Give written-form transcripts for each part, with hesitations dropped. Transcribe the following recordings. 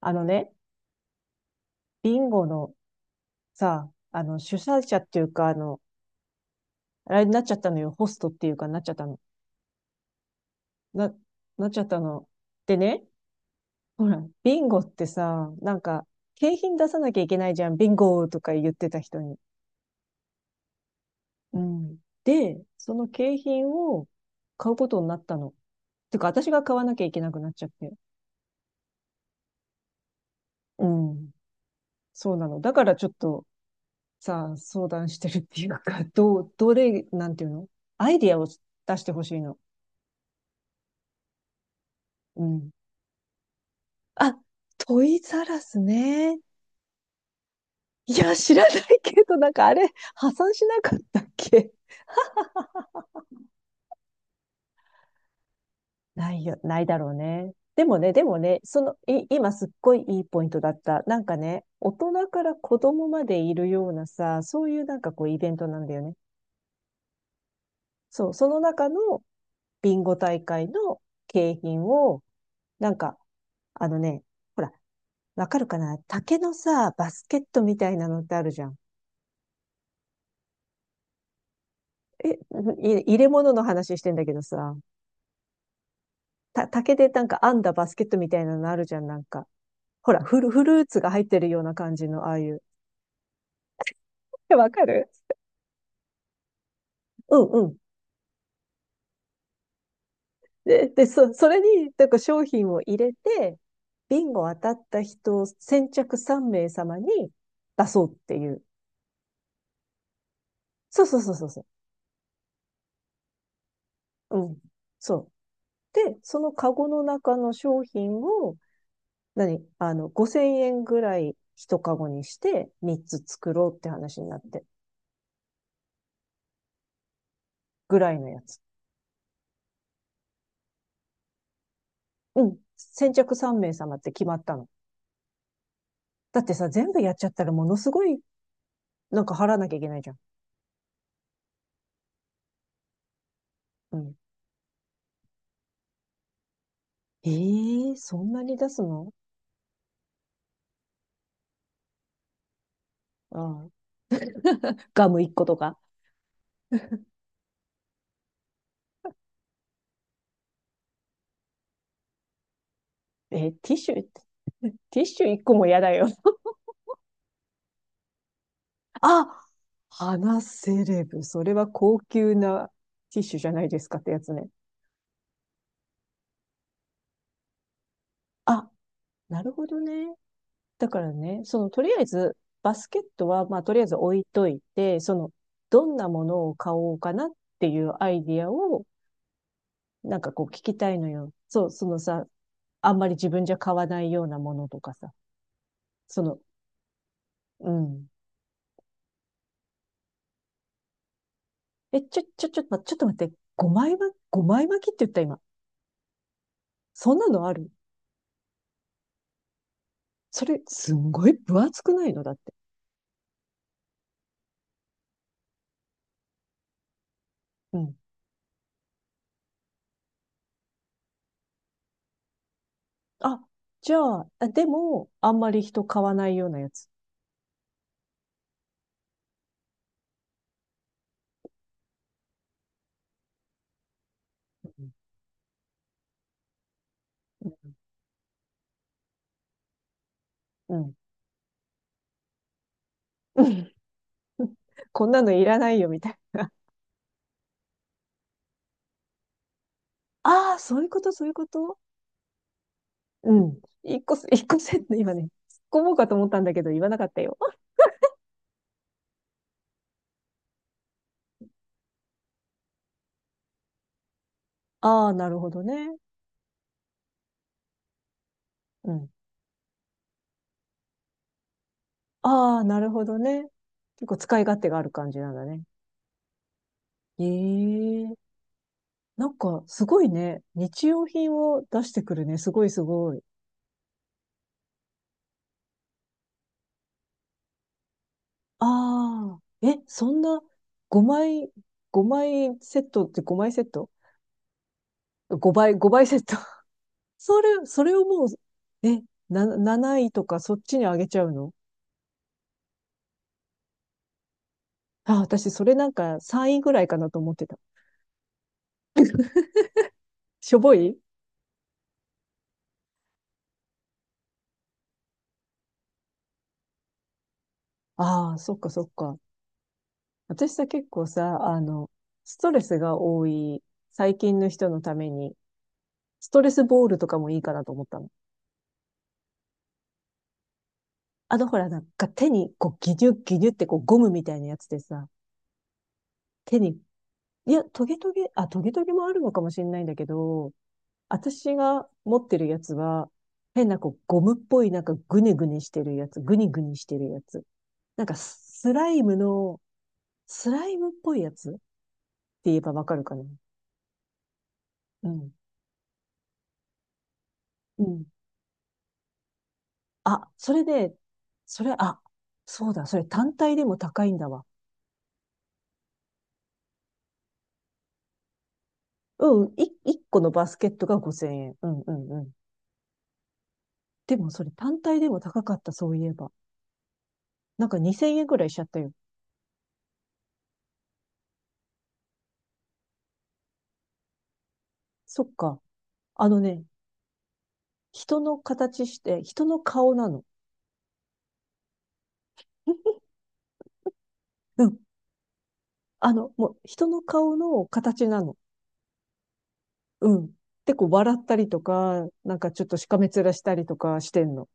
あのね、ビンゴのさ、主催者っていうか、あれになっちゃったのよ。ホストっていうかなっちゃったの。な、なっちゃったの。でね、ほら、ビンゴってさ、なんか、景品出さなきゃいけないじゃん。ビンゴとか言ってた人に。うん。で、その景品を買うことになったの。てか、私が買わなきゃいけなくなっちゃって。うん。そうなの。だからちょっと、さ、相談してるっていうか、どう、どれ、なんていうの？アイディアを出してほしいの。うん。あ、トイザらスね。いや、知らないけど、なんかあれ、破産しなかったっけ？ないよ、ないだろうね。でもね、その、今すっごいいいポイントだった。なんかね、大人から子供までいるようなさ、そういうなんかこうイベントなんだよね。そう、その中のビンゴ大会の景品を、なんか、あのね、ほら、わかるかな？竹のさ、バスケットみたいなのってあるじゃん。え、入れ物の話してんだけどさ、竹でなんか編んだバスケットみたいなのあるじゃん、なんか。ほら、フルーツが入ってるような感じの、ああいう。え、わかる？うんうん。で、それに、なんか商品を入れて、ビンゴ当たった人、先着3名様に出そうっていう。そうそうそうそうそう。うん。そう。で、そのカゴの中の商品を、何5000円ぐらい一カゴにして3つ作ろうって話になって、ぐらいのやつ。うん。先着3名様って決まったの。だってさ、全部やっちゃったらものすごい、なんか払わなきゃいけないじゃん。うん。ええー、そんなに出すの？うん。ガム一個とか。えー、ティッシュ。ティッシュ一個も嫌だよ。あ、花セレブ。それは高級なティッシュじゃないですかってやつね。あ、なるほどね。だからね、その、とりあえず、バスケットは、まあ、とりあえず置いといて、その、どんなものを買おうかなっていうアイディアを、なんかこう聞きたいのよ。そう、そのさ、あんまり自分じゃ買わないようなものとかさ。その、うん。え、ちょっと待って。5枚巻き、枚巻きって言った今。そんなのある？それ、すんごい分厚くないのだって。うん。あ、じゃあ、あでも、あんまり人買わないようなやつ。うん。うん。うん こんなのいらないよ、みたいな。ああ、そういうこと、そういうこと。うん。一個、一個セット、今ね、突っ込もうかと思ったんだけど、言わなかったよ。ああ、なるほどね。うん。ああ、なるほどね。結構使い勝手がある感じなんだね。ええ、なんかすごいね。日用品を出してくるね。すごいすごい。ああ、え、そんな5枚、5枚セットって5枚セット ?5 倍、5倍セット。それをもう、え、7位とかそっちに上げちゃうの？あ、私それなんか3位ぐらいかなと思ってた。しょぼい。ああ、そっかそっか。私さ、結構さ、ストレスが多い最近の人のために、ストレスボールとかもいいかなと思ったの。あの、ほら、なんか手に、こう、ギニュッギニュってこう、ゴムみたいなやつでさ、手に、いや、トゲトゲ、あ、トゲトゲもあるのかもしれないんだけど、私が持ってるやつは、変なこう、ゴムっぽい、なんかグニグニしてるやつ、グニグニしてるやつ。なんかスライムの、スライムっぽいやつって言えばわかるかな。うん。うん。あ、それで、それ、あ、そうだ、それ単体でも高いんだわ。うん、1個のバスケットが5000円。うん、うん、うん。でもそれ単体でも高かった、そういえば。なんか2000円ぐらいしちゃったよ。そっか。あのね、人の形して、人の顔なの。うん。あの、もう人の顔の形なの。うん。で、こう笑ったりとか、なんかちょっとしかめ面したりとかしてんの。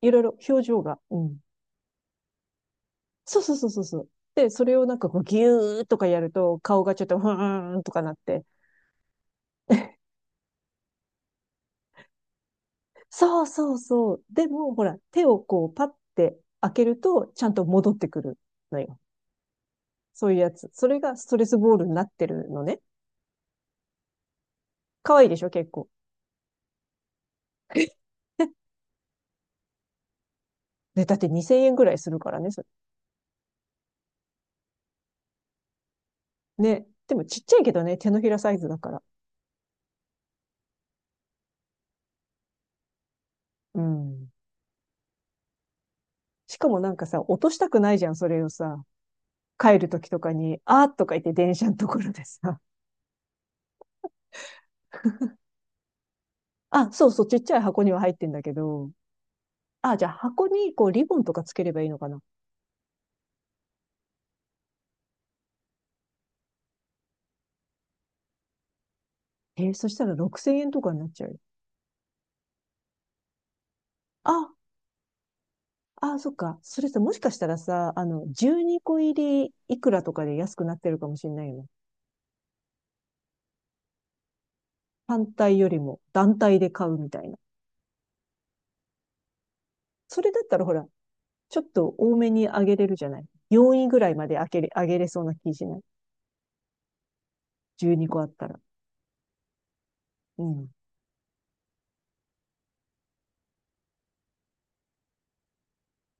いろいろ表情が。うん。そうそうそうそうそう。で、それをなんかこうギューとかやると顔がちょっとふーんとかなって。そうそうそう。でも、ほら、手をこうパッて開けるとちゃんと戻ってくるのよ。そういうやつ。それがストレスボールになってるのね。可愛いでしょ、結構。ね、だって2000円ぐらいするからね。それね。でもちっちゃいけどね、手のひらサイズだから。うん。しかもなんかさ、落としたくないじゃん、それをさ。帰る時とかに、あーとか言って電車のところでさ。あ、そうそう、ちっちゃい箱には入ってんだけど、あ、じゃあ箱にこうリボンとかつければいいのかな。えー、そしたら6000円とかになっちゃうよ。あ、あ、そっか。それさ、もしかしたらさ、あの、12個入りいくらとかで安くなってるかもしれないよね。単体よりも団体で買うみたいな。それだったらほら、ちょっと多めに上げれるじゃない。4位ぐらいまで上げれそうな気しない？12個あったら。うん。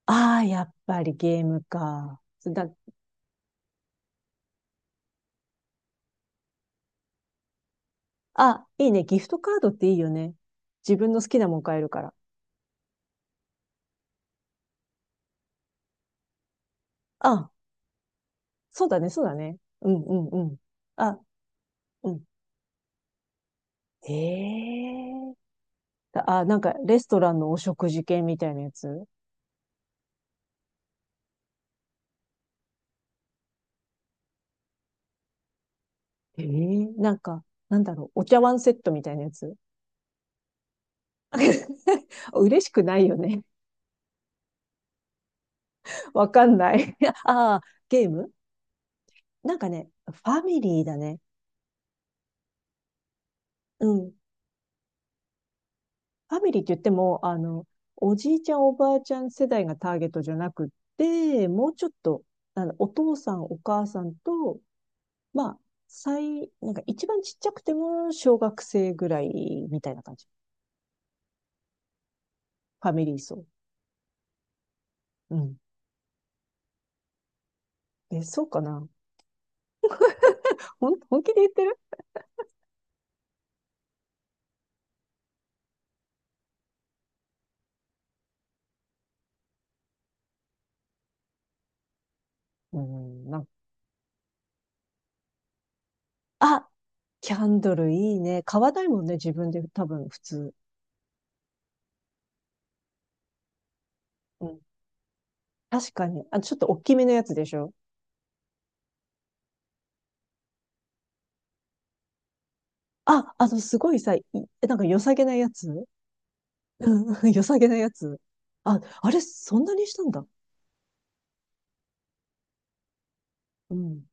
ああ、やっぱりゲームか。だ、あ、いいね。ギフトカードっていいよね。自分の好きなもん買えるから。あ、そうだね、そうだね。うんうんうん。あ、うん。ええ、あ、なんか、レストランのお食事券みたいなやつ？ええ、なんか、なんだろう、お茶碗セットみたいなやつ。 嬉しくないよね。わかんない。ああ、ゲーム。なんかね、ファミリーだね。うん。ファミリーって言っても、あの、おじいちゃん、おばあちゃん世代がターゲットじゃなくって、もうちょっと、あの、お父さん、お母さんとまあ、なんか一番ちっちゃくても小学生ぐらいみたいな感じ。ファミリー層。うん。え、そうかな。本気で言ってる？うん、あ、キャンドルいいね。買わないもんね、自分で多分普通。うん。確かに。あ、ちょっと大きめのやつでしょ？あ、あの、すごいさ、なんか良さげなやつ。うん 良さげなやつ。あ、あれ、そんなにしたんだ。うん。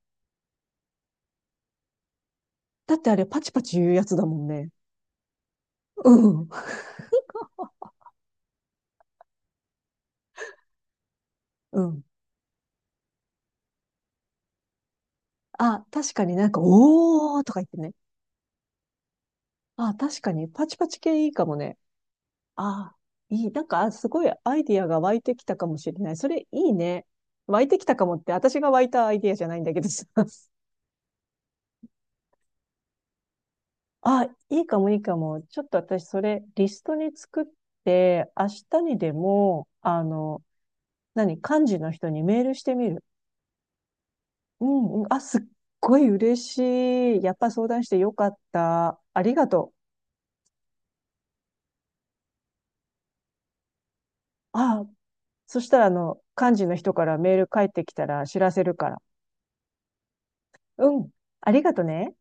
だってあれ、パチパチ言うやつだもんね。うん。うん。あ、確かになんか、おーとか言ってね。あ、確かに、パチパチ系いいかもね。あ、いい。なんか、あすごいアイディアが湧いてきたかもしれない。それいいね。湧いてきたかもって、私が湧いたアイディアじゃないんだけどさ。あ、いいかもいいかも。ちょっと私、それ、リストに作って、明日にでも、あの、何、幹事の人にメールしてみる。うん、うん。あ、すっごい嬉しい。やっぱ相談してよかった。ありがとう。あ、そしたら、あの、幹事の人からメール返ってきたら知らせるから。うん。ありがとね。